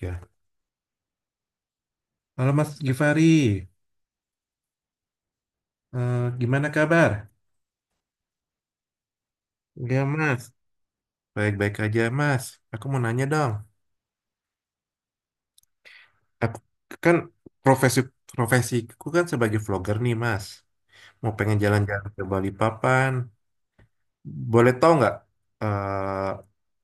Ya. Halo Mas Givari, gimana kabar? Ya Mas, baik-baik aja Mas. Aku mau nanya dong. Aku kan profesi Profesiku kan sebagai vlogger nih Mas. Mau pengen jalan-jalan ke Bali Papan. Boleh tahu nggak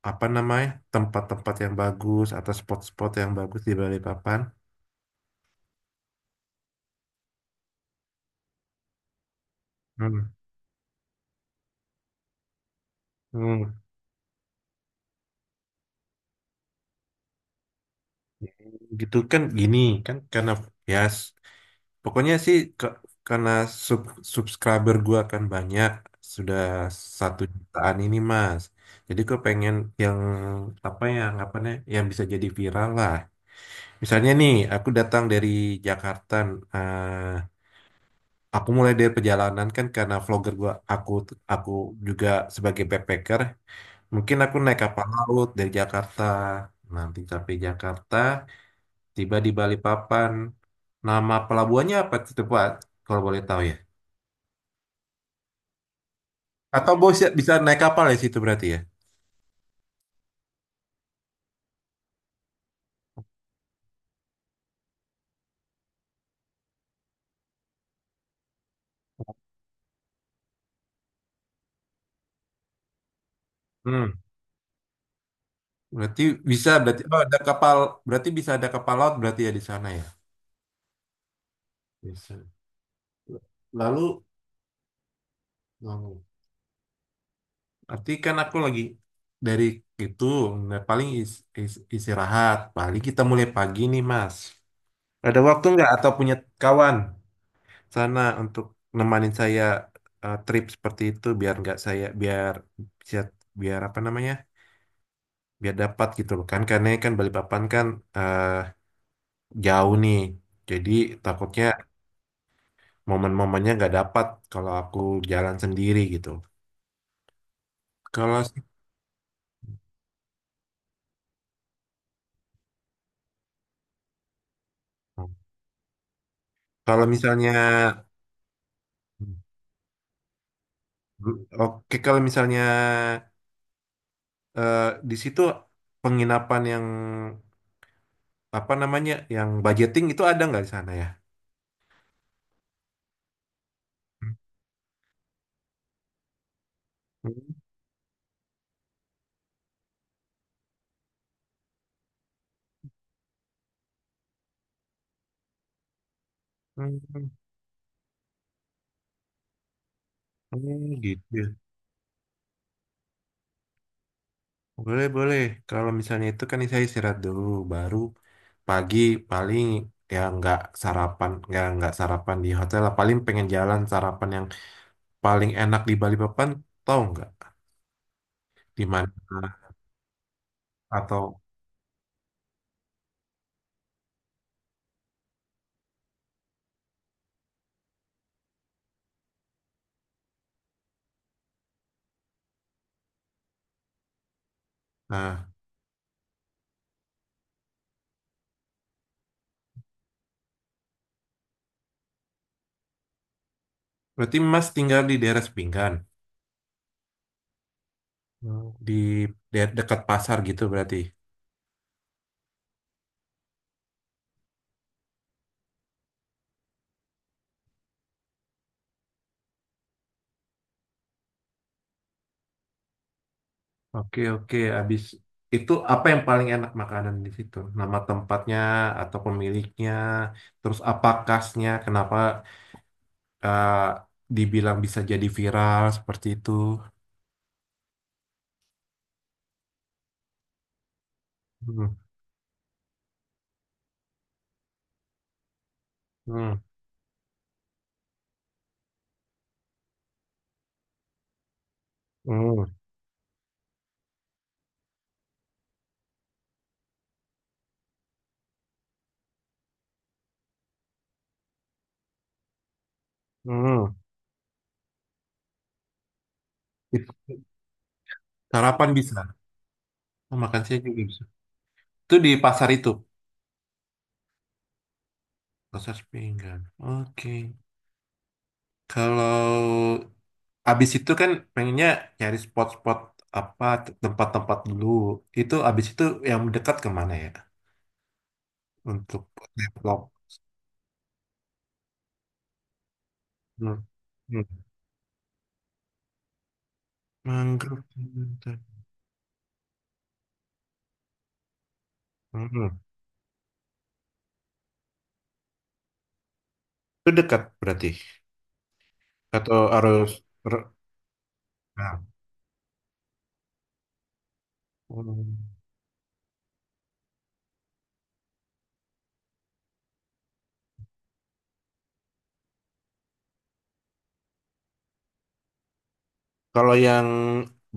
apa namanya tempat-tempat yang bagus atau spot-spot yang bagus di Bali Papan? Hmm. Hmm. Gitu kan gini kan karena ya Pokoknya sih ke- karena sub subscriber gua kan banyak sudah 1 jutaan ini Mas. Jadi gue pengen yang apa ya anggapannya yang bisa jadi viral lah. Misalnya nih aku datang dari Jakarta, eh, aku mulai dari perjalanan kan karena vlogger gua aku juga sebagai backpacker. Mungkin aku naik kapal laut dari Jakarta, nanti sampai Jakarta, tiba di Balikpapan. Nama pelabuhannya apa itu Pak? Kalau boleh tahu ya. Atau bos ya- bisa naik kapal ya situ berarti ya. Hmm. Berarti bisa berarti oh, ada kapal berarti bisa ada kapal laut berarti ya di sana ya. Bisa. Lalu hmm, berarti kan aku lagi dari itu nah, paling istirahat. Paling kita mulai pagi nih Mas. Ada waktu nggak atau punya kawan sana untuk nemanin saya trip seperti itu biar nggak saya biar biar biar apa namanya biar dapat gitu loh kan karena kan Balikpapan kan eh, jauh nih. Jadi takutnya momen-momennya nggak dapat kalau aku jalan sendiri gitu. Kalau kalau misalnya oke kalau misalnya eh, di situ penginapan yang apa namanya yang budgeting itu ada nggak di sana ya? Hmm, hmm, hmm, gitu. Ya. Boleh, boleh. Kalau misalnya itu kan saya istirahat dulu, baru pagi paling ya nggak sarapan, nggak sarapan di hotel lah. Paling pengen jalan sarapan yang paling enak di Bali Papan tahu nggak di mana atau nah berarti Mas tinggal di daerah Sepinggan. Hmm. Di dekat pasar gitu berarti oke oke. Abis itu apa yang paling enak makanan di situ nama tempatnya atau pemiliknya terus apa khasnya kenapa eh, dibilang bisa jadi viral seperti itu. Hmm, hmm, hmm, hmm. It- Sarapan bisa. Oh, makan siang juga bisa itu di pasar itu. Kasar pinggang. Oke. Kalau abis itu kan pengennya nyari spot-spot apa tempat-tempat dulu. Itu abis itu yang dekat kemana ya? Untuk develop. Hmm. Hmm. Mangrove. Hmm. Itu dekat berarti. Atau harus ber- nah. Hmm. Kalau yang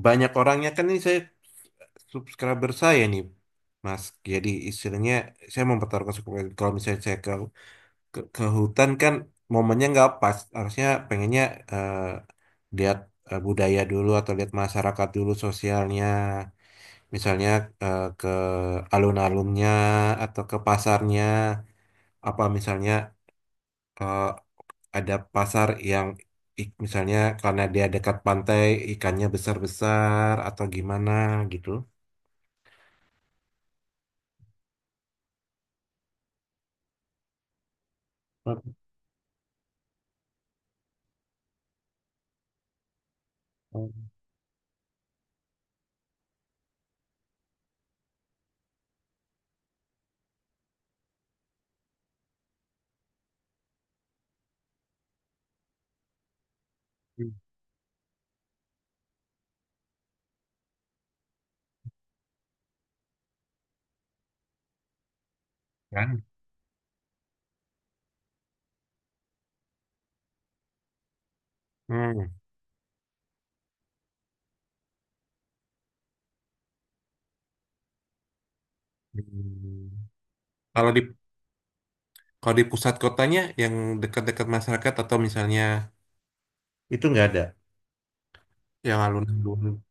banyak orangnya kan ini saya subscriber saya nih. Mas, jadi istilahnya saya mempertaruhkan subscriber. Kalau misalnya saya ke hutan kan momennya nggak pas harusnya pengennya eh, lihat budaya dulu atau lihat masyarakat dulu sosialnya misalnya ke alun-alunnya atau ke pasarnya apa misalnya eh, ada pasar yang misalnya karena dia dekat pantai ikannya besar-besar atau gimana gitu. Oh, kan. Hmm. Hmm. Kalau di kalau di pusat kotanya yang dekat-dekat masyarakat atau misalnya itu nggak ada. Yang alun-alun.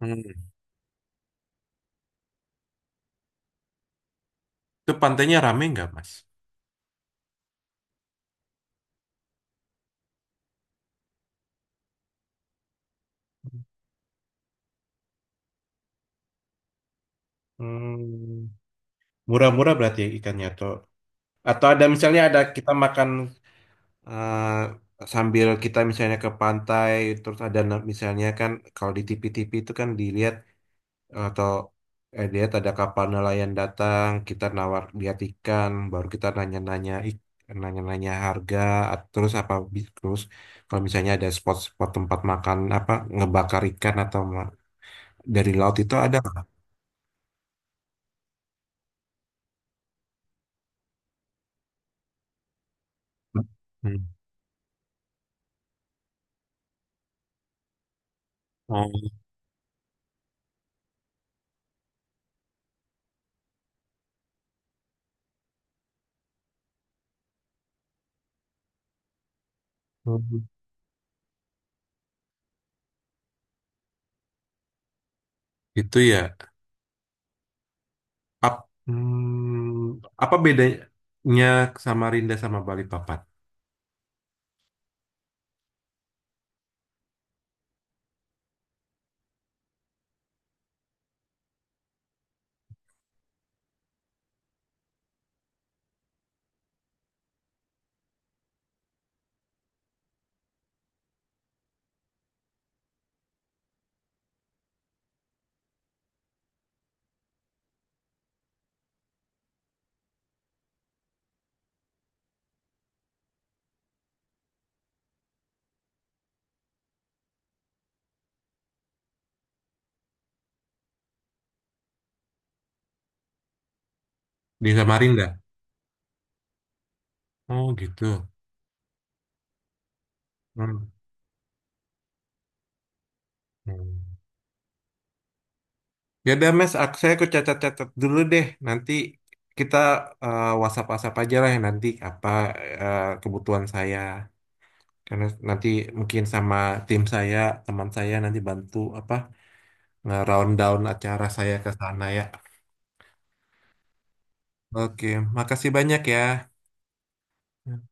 Hmm. Itu pantainya rame nggak, Mas? Hmm, murah-murah berarti ya ikannya atau ada misalnya ada kita makan sambil kita misalnya ke pantai terus ada misalnya kan kalau di TV-TV itu kan dilihat atau lihat ada kapal nelayan datang kita nawar lihat ikan baru kita nanya-nanya nanya-nanya harga terus apa terus kalau misalnya ada spot-spot tempat makan apa ngebakar ikan atau dari laut itu ada nggak? Hmm. Oh, itu ya. Hmm, apa bedanya Samarinda sama Balikpapan? Di Samarinda. Oh, gitu. Hmm. Hmm. Ya udah, Mas, aku catat-catat dulu deh. Nanti kita WhatsApp-WhatsApp aja lah ya nanti apa kebutuhan saya. Karena nanti mungkin sama tim saya, teman saya nanti bantu apa nge-round down acara saya ke sana ya. Oke, makasih banyak ya. Ya,